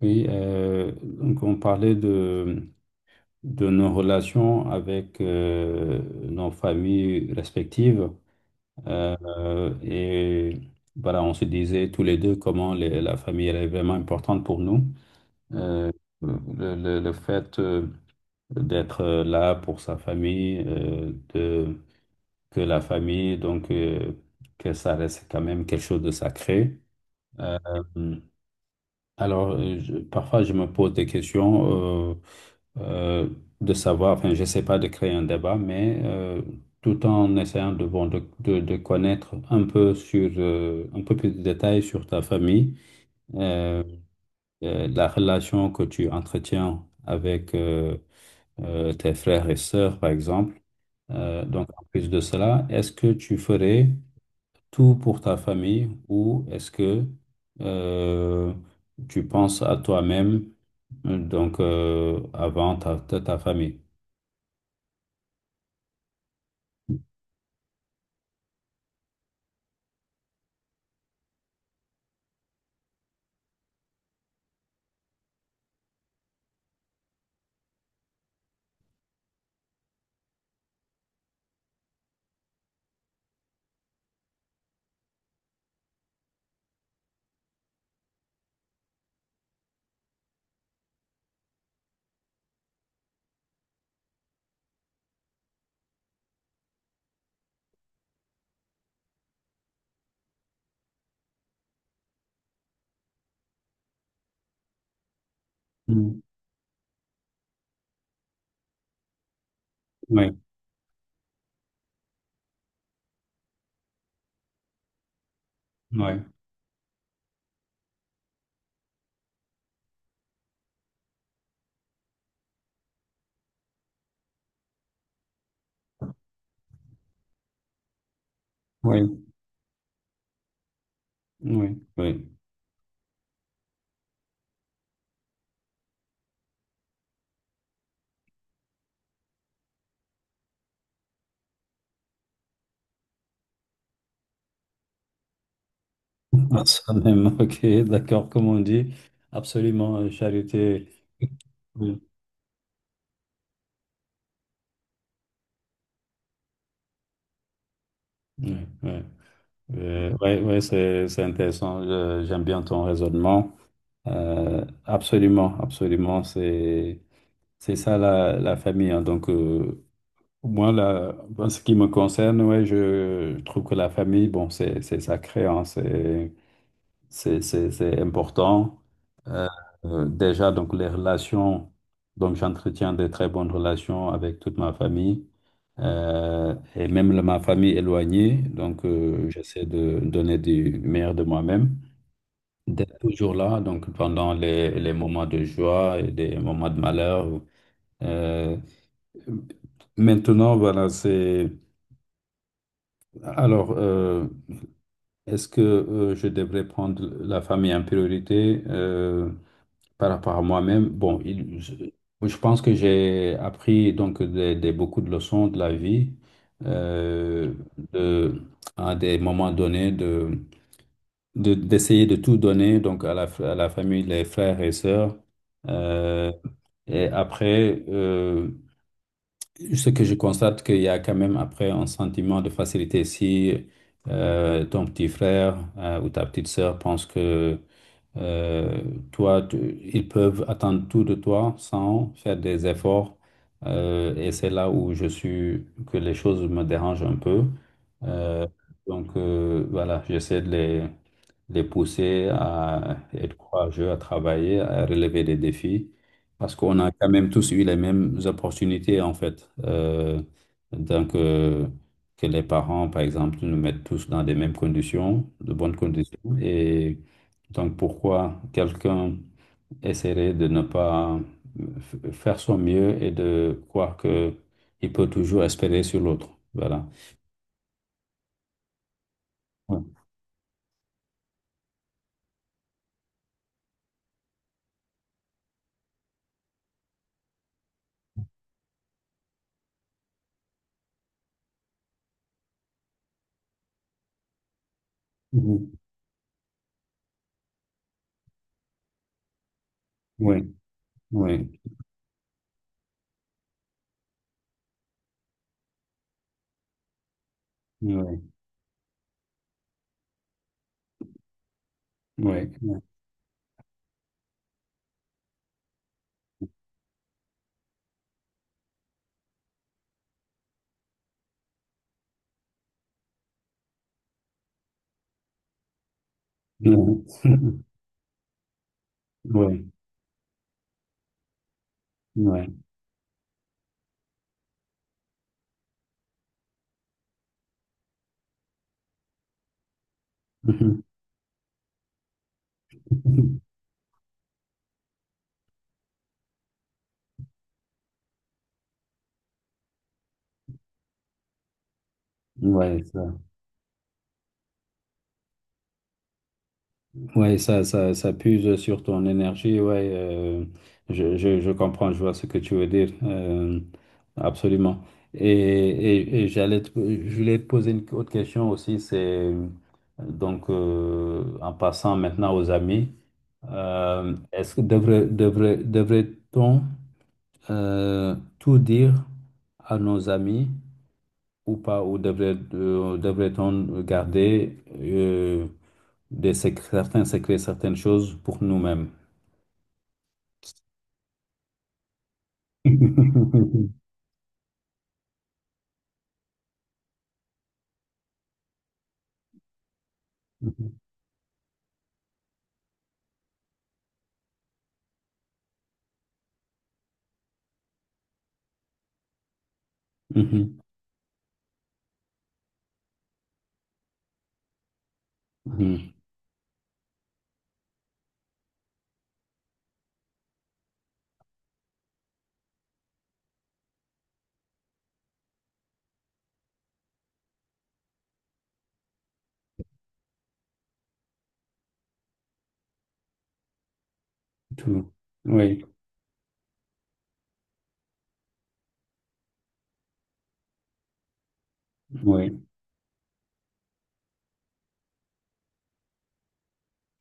Oui, donc on parlait de nos relations avec nos familles respectives. Et voilà, on se disait tous les deux comment la famille elle est vraiment importante pour nous. Euh, le fait d'être là pour sa famille, que la famille, que ça reste quand même quelque chose de sacré. Euh, parfois, je me pose des questions euh, de savoir, enfin, je sais pas de créer un débat, mais tout en essayant de, bon, de connaître un peu sur, un peu plus de détails sur ta famille, euh, la relation que tu entretiens avec tes frères et sœurs, par exemple. Donc, en plus de cela, est-ce que tu ferais tout pour ta famille ou est-ce que euh, tu penses à toi-même, avant ta famille? Mm. Oui, oui, oui, oui, oui. À soi-même, ok, d'accord, comme on dit, absolument, charité. Oui, oui, oui. Ouais, ouais, c'est intéressant, j'aime bien ton raisonnement. Absolument, absolument, c'est ça la famille, hein, Moi, là, en ce qui me concerne, ouais, je trouve que la famille, bon, c'est sacré, hein, c'est important. Euh, déjà, donc, les relations, donc j'entretiens de très bonnes relations avec toute ma famille, et même ma famille éloignée, j'essaie de donner du meilleur de moi-même, d'être toujours là, donc, pendant les moments de joie et des moments de malheur. Euh, maintenant, voilà, c'est. Alors, est-ce que je devrais prendre la famille en priorité par rapport à moi-même? Bon, je pense que j'ai appris donc beaucoup de leçons de la vie, euh, de, à des moments donnés d'essayer de tout donner donc à à la famille, les frères et sœurs. Euh, et après, euh, ce que je constate, qu'il y a quand même après un sentiment de facilité. Si ton petit frère ou ta petite sœur pense que euh, toi, ils peuvent attendre tout de toi sans faire des efforts. Et c'est là où je suis, que les choses me dérangent un peu. Euh, voilà, j'essaie de les pousser à être courageux, à travailler, à relever des défis, parce qu'on a quand même tous eu les mêmes opportunités, en fait. Donc, euh, que les parents, par exemple, nous mettent tous dans des mêmes conditions, de bonnes conditions, et donc pourquoi quelqu'un essaierait de ne pas faire son mieux et de croire que il peut toujours espérer sur l'autre? Voilà. Ouais. Mhm. Oui, oui, oui, oui, oui, oui, oui, oui, oui, ça, ouais, ça puise sur ton énergie. Ouais, je comprends, je vois ce que tu veux dire. Absolument. Et je voulais te poser une autre question aussi. C'est en passant maintenant aux amis, est-ce que devrait-on tout dire à nos amis? Ou pas, ou devrait-on garder certains secrets, certaines choses pour nous-mêmes? Mhm, mhm, mhm. Tout. Oui, oui,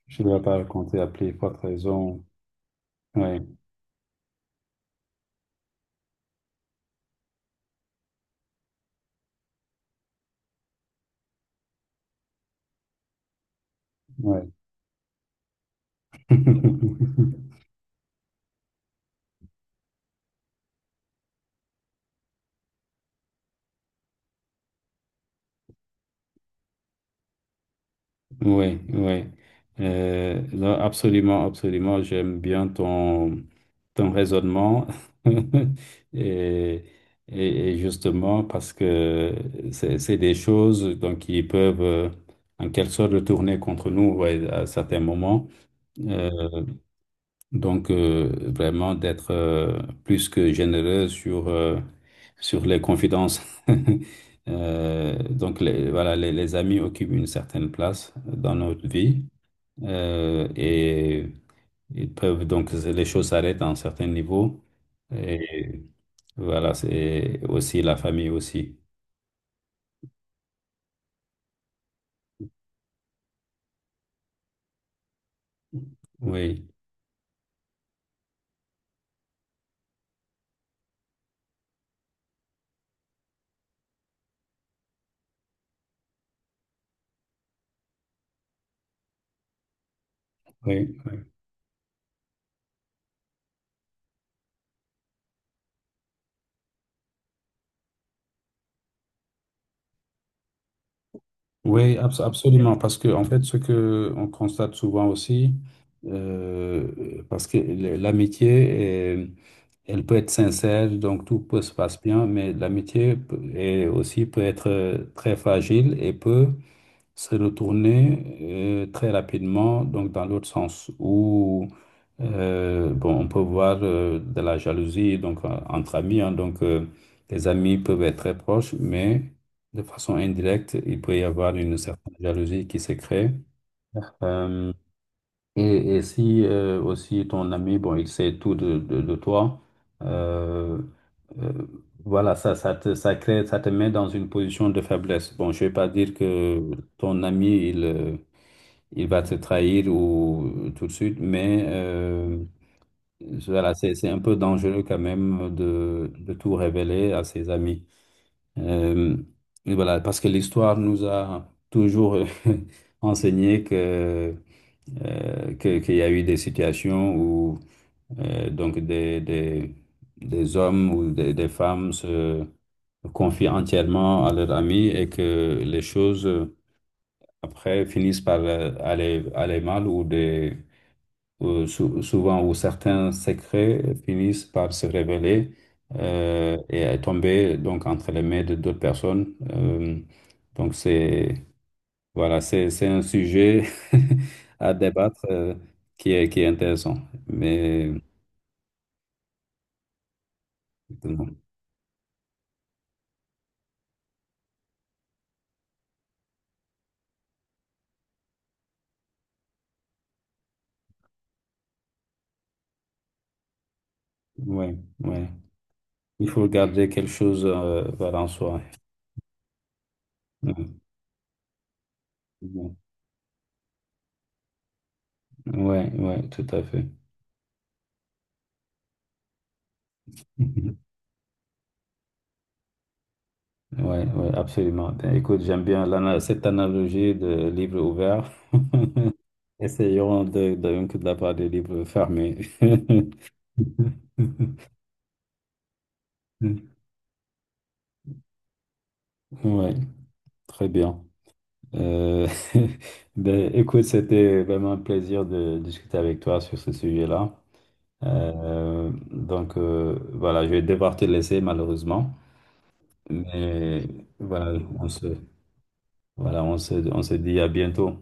je ne dois pas raconter à plus forte raison. Oui, oui. Oui, oui. Non, absolument, absolument. J'aime bien ton raisonnement. Et, et justement, parce que c'est des choses donc, qui peuvent en quelque sorte retourner contre nous, ouais, à certains moments. Euh, vraiment d'être plus que généreux sur les confidences. Voilà, les amis occupent une certaine place dans notre vie. Et ils peuvent donc, les choses s'arrêtent à un certain niveau. Et voilà, c'est aussi la famille aussi. Oui, oui, oui, absolument. Parce que, en fait, ce que on constate souvent aussi, parce que l'amitié, est- elle peut être sincère, donc tout peut se passe bien, mais est aussi peut être très fragile et peut se retourner très rapidement, donc dans l'autre sens, où bon, on peut voir de la jalousie donc, entre amis. Hein. Les amis peuvent être très proches, mais de façon indirecte, il peut y avoir une certaine jalousie qui se crée. Euh, et si aussi ton ami, bon, il sait tout de toi, euh, euh, voilà, ça crée, ça te met dans une position de faiblesse. Bon, je vais pas dire que ton ami, il va te trahir ou tout de suite, mais voilà, c'est un peu dangereux quand même de tout révéler à ses amis. Euh, et voilà, parce que l'histoire nous a toujours enseigné que qu'il y a eu des situations où euh, donc des, des, des hommes ou des femmes se confient entièrement à leurs amis et que les choses après finissent par aller mal ou souvent où certains secrets finissent par se révéler et tomber donc entre les mains de d'autres personnes. Donc c'est Voilà, c'est un sujet à débattre, qui est intéressant. Mais bon, ouais, ouais. Il faut garder quelque chose, voilà, en soi. Ouais, bon, ouais, ouais, tout à fait. Mhm. Ouais, ouais, absolument. Ben, écoute, j'aime bien cette analogie de livre ouvert. Essayons de, donc de la part des livres fermés. Ouais, très bien. Euh, ben, écoute, c'était vraiment un plaisir de discuter avec toi sur ce sujet-là. Voilà, je vais devoir te laisser malheureusement, mais voilà, voilà, on se dit à bientôt.